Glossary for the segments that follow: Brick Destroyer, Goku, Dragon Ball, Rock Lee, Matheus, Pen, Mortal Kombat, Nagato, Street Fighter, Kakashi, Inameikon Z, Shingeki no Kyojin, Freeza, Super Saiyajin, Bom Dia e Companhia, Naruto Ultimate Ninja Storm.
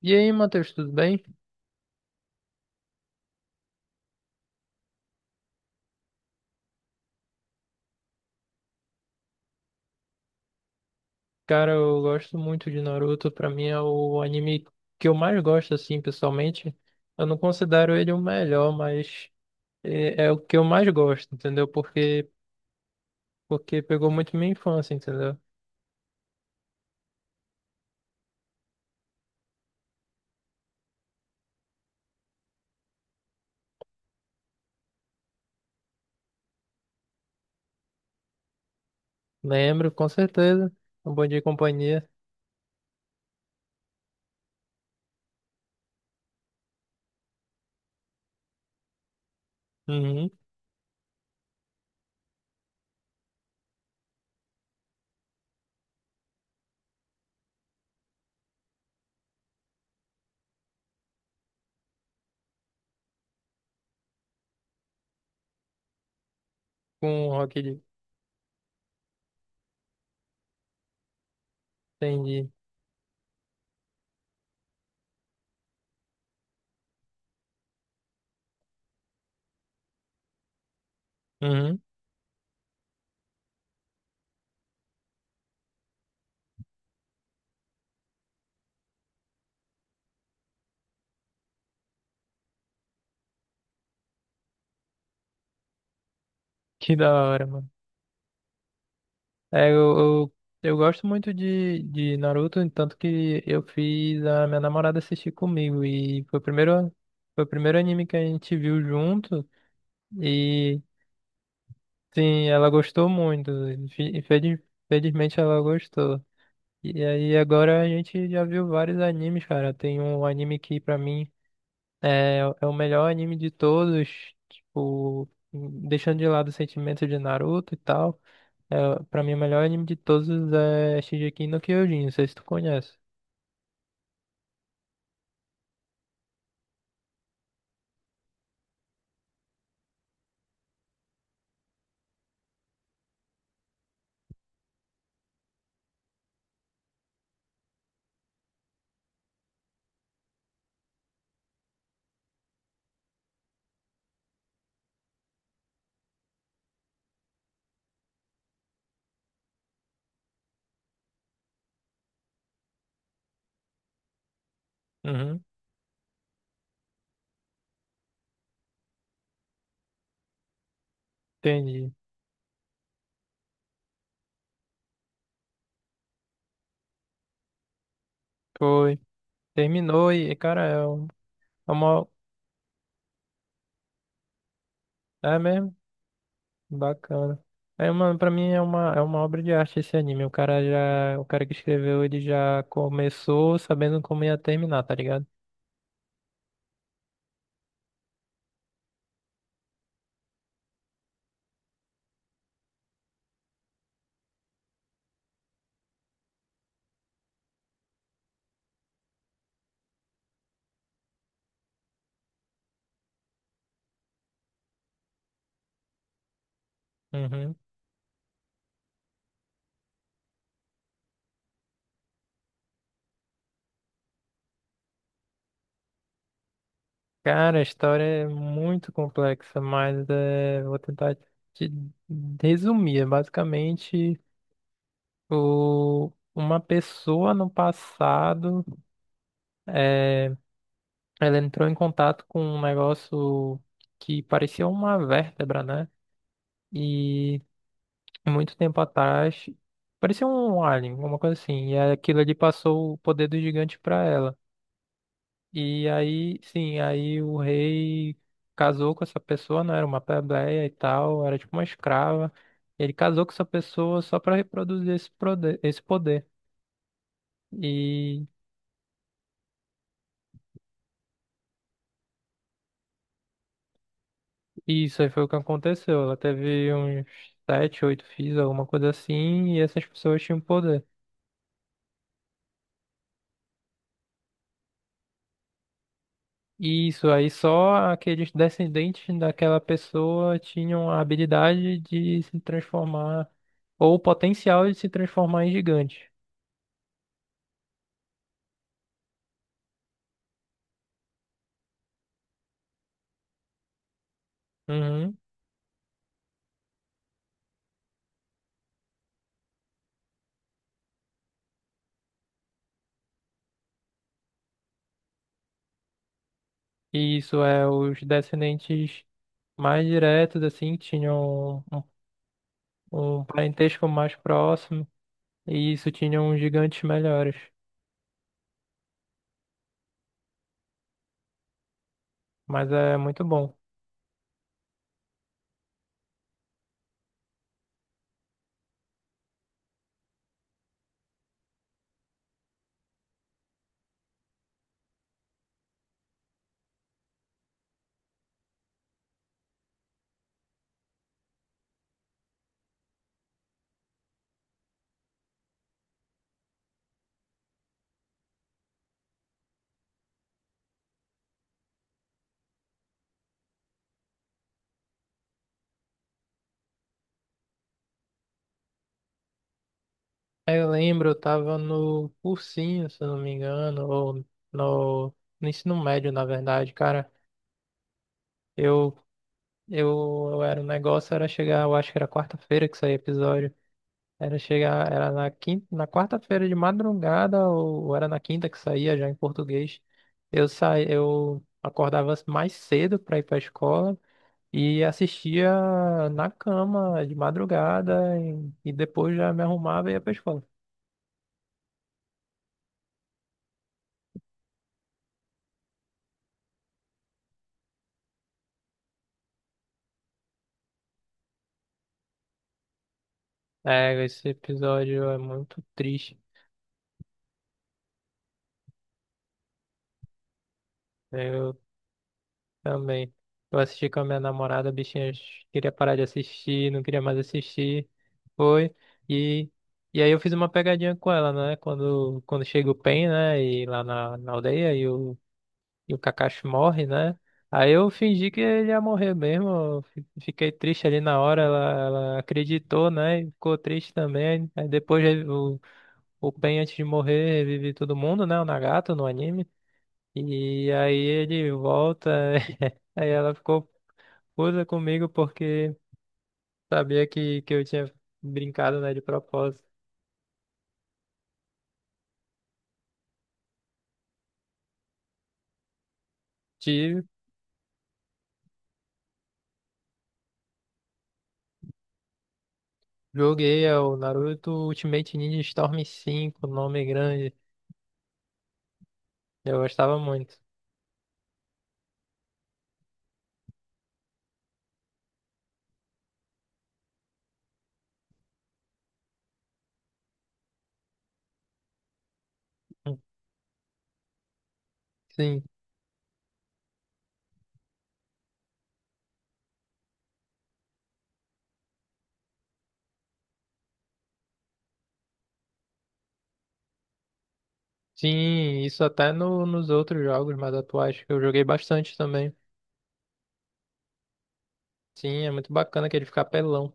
E aí, Matheus, tudo bem? Cara, eu gosto muito de Naruto. Pra mim é o anime que eu mais gosto, assim, pessoalmente. Eu não considero ele o melhor, mas é o que eu mais gosto, entendeu? Porque pegou muito minha infância, entendeu? Lembro, com certeza. Um Bom Dia e Companhia. Uhum. Com o Rock Lee. Entendi. Uhum. Que da hora, mano. É, eu gosto muito de Naruto, tanto que eu fiz a minha namorada assistir comigo. E foi o primeiro anime que a gente viu junto. E sim, ela gostou muito. Infelizmente ela gostou. E aí agora a gente já viu vários animes, cara. Tem um anime que pra mim. É o melhor anime de todos, tipo, deixando de lado o sentimento de Naruto e tal. É, pra mim, o melhor anime de todos é Shingeki no Kyojin, não sei se tu conhece. Uhum, entendi. Foi. Terminou e, cara, é uma. É mesmo? Bacana. Pra mim é uma obra de arte esse anime. O cara já. O cara que escreveu, ele já começou sabendo como ia terminar, tá ligado? Uhum. Cara, a história é muito complexa, mas vou tentar te resumir. É, basicamente, uma pessoa no passado, eh, ela entrou em contato com um negócio que parecia uma vértebra, né? E muito tempo atrás, parecia um alien, alguma coisa assim. E aquilo ali passou o poder do gigante para ela. E aí, sim, aí o rei casou com essa pessoa, não era uma plebeia e tal, era tipo uma escrava. Ele casou com essa pessoa só para reproduzir esse poder, esse poder. E isso aí foi o que aconteceu. Ela teve uns sete, oito filhos, alguma coisa assim, e essas pessoas tinham poder. E isso aí só aqueles descendentes daquela pessoa tinham a habilidade de se transformar, ou o potencial de se transformar em gigante. Uhum. E isso é, os descendentes mais diretos, assim, tinham um, parentesco mais próximo, e isso tinham gigantes melhores. Mas é muito bom. Aí eu lembro, eu tava no cursinho, se eu não me engano, ou no, no ensino médio, na verdade, cara. Eu, eu era, o negócio era chegar, eu acho que era quarta-feira que saía episódio. Era chegar, era na quinta, na quarta-feira de madrugada, ou era na quinta que saía já em português. Eu saí eu acordava mais cedo para ir para a escola e assistia na cama de madrugada e depois já me arrumava e ia para a escola. É, esse episódio é muito triste. Também. Eu assisti com a minha namorada, a bichinha queria parar de assistir, não queria mais assistir. Foi. E, e aí eu fiz uma pegadinha com ela, né? Quando chega o Pen, né? E lá na aldeia e o Kakashi morre, né? Aí eu fingi que ele ia morrer mesmo. Fiquei triste ali na hora. Ela acreditou, né? E ficou triste também. Aí depois o Pen, antes de morrer, revive todo mundo, né? O Nagato no anime. E aí ele volta. Aí ela ficou usa comigo porque sabia que eu tinha brincado, né, de propósito. Tive, joguei é o Naruto Ultimate Ninja Storm 5 nome grande. Eu gostava muito. Sim, sim, isso até no, nos outros jogos mais atuais que eu joguei bastante também. Sim, é muito bacana que ele fica apelão.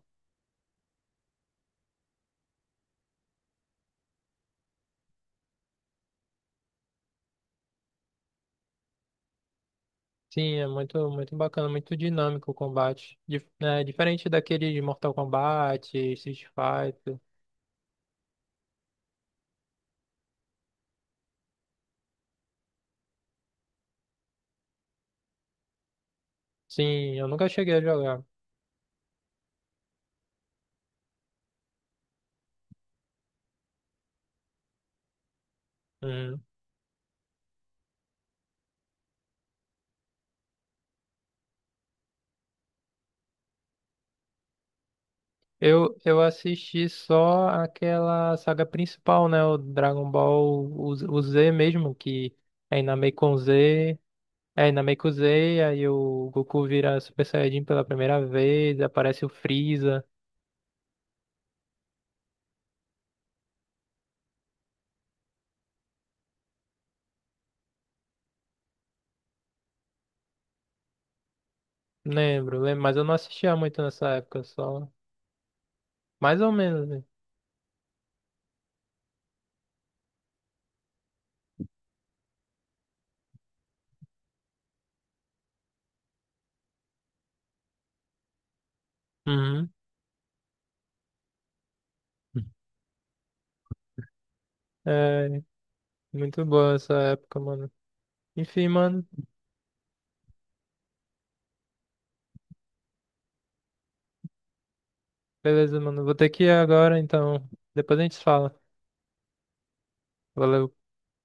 Sim, é muito, muito bacana, muito dinâmico o combate. Né, diferente daquele de Mortal Kombat, Street Fighter. Sim, eu nunca cheguei a jogar. Uhum. Eu assisti só aquela saga principal, né? O Dragon Ball, Z o Z mesmo, que é Inameikon Z, é Inameiko Z, aí o Goku vira Super Saiyajin pela primeira vez, aparece o Freeza. Lembro, lembro, mas eu não assistia muito nessa época, só mais ou menos, né? Uhum. É, muito boa essa época, mano. Enfim, mano, beleza, mano. Vou ter que ir agora, então depois a gente se fala. Valeu.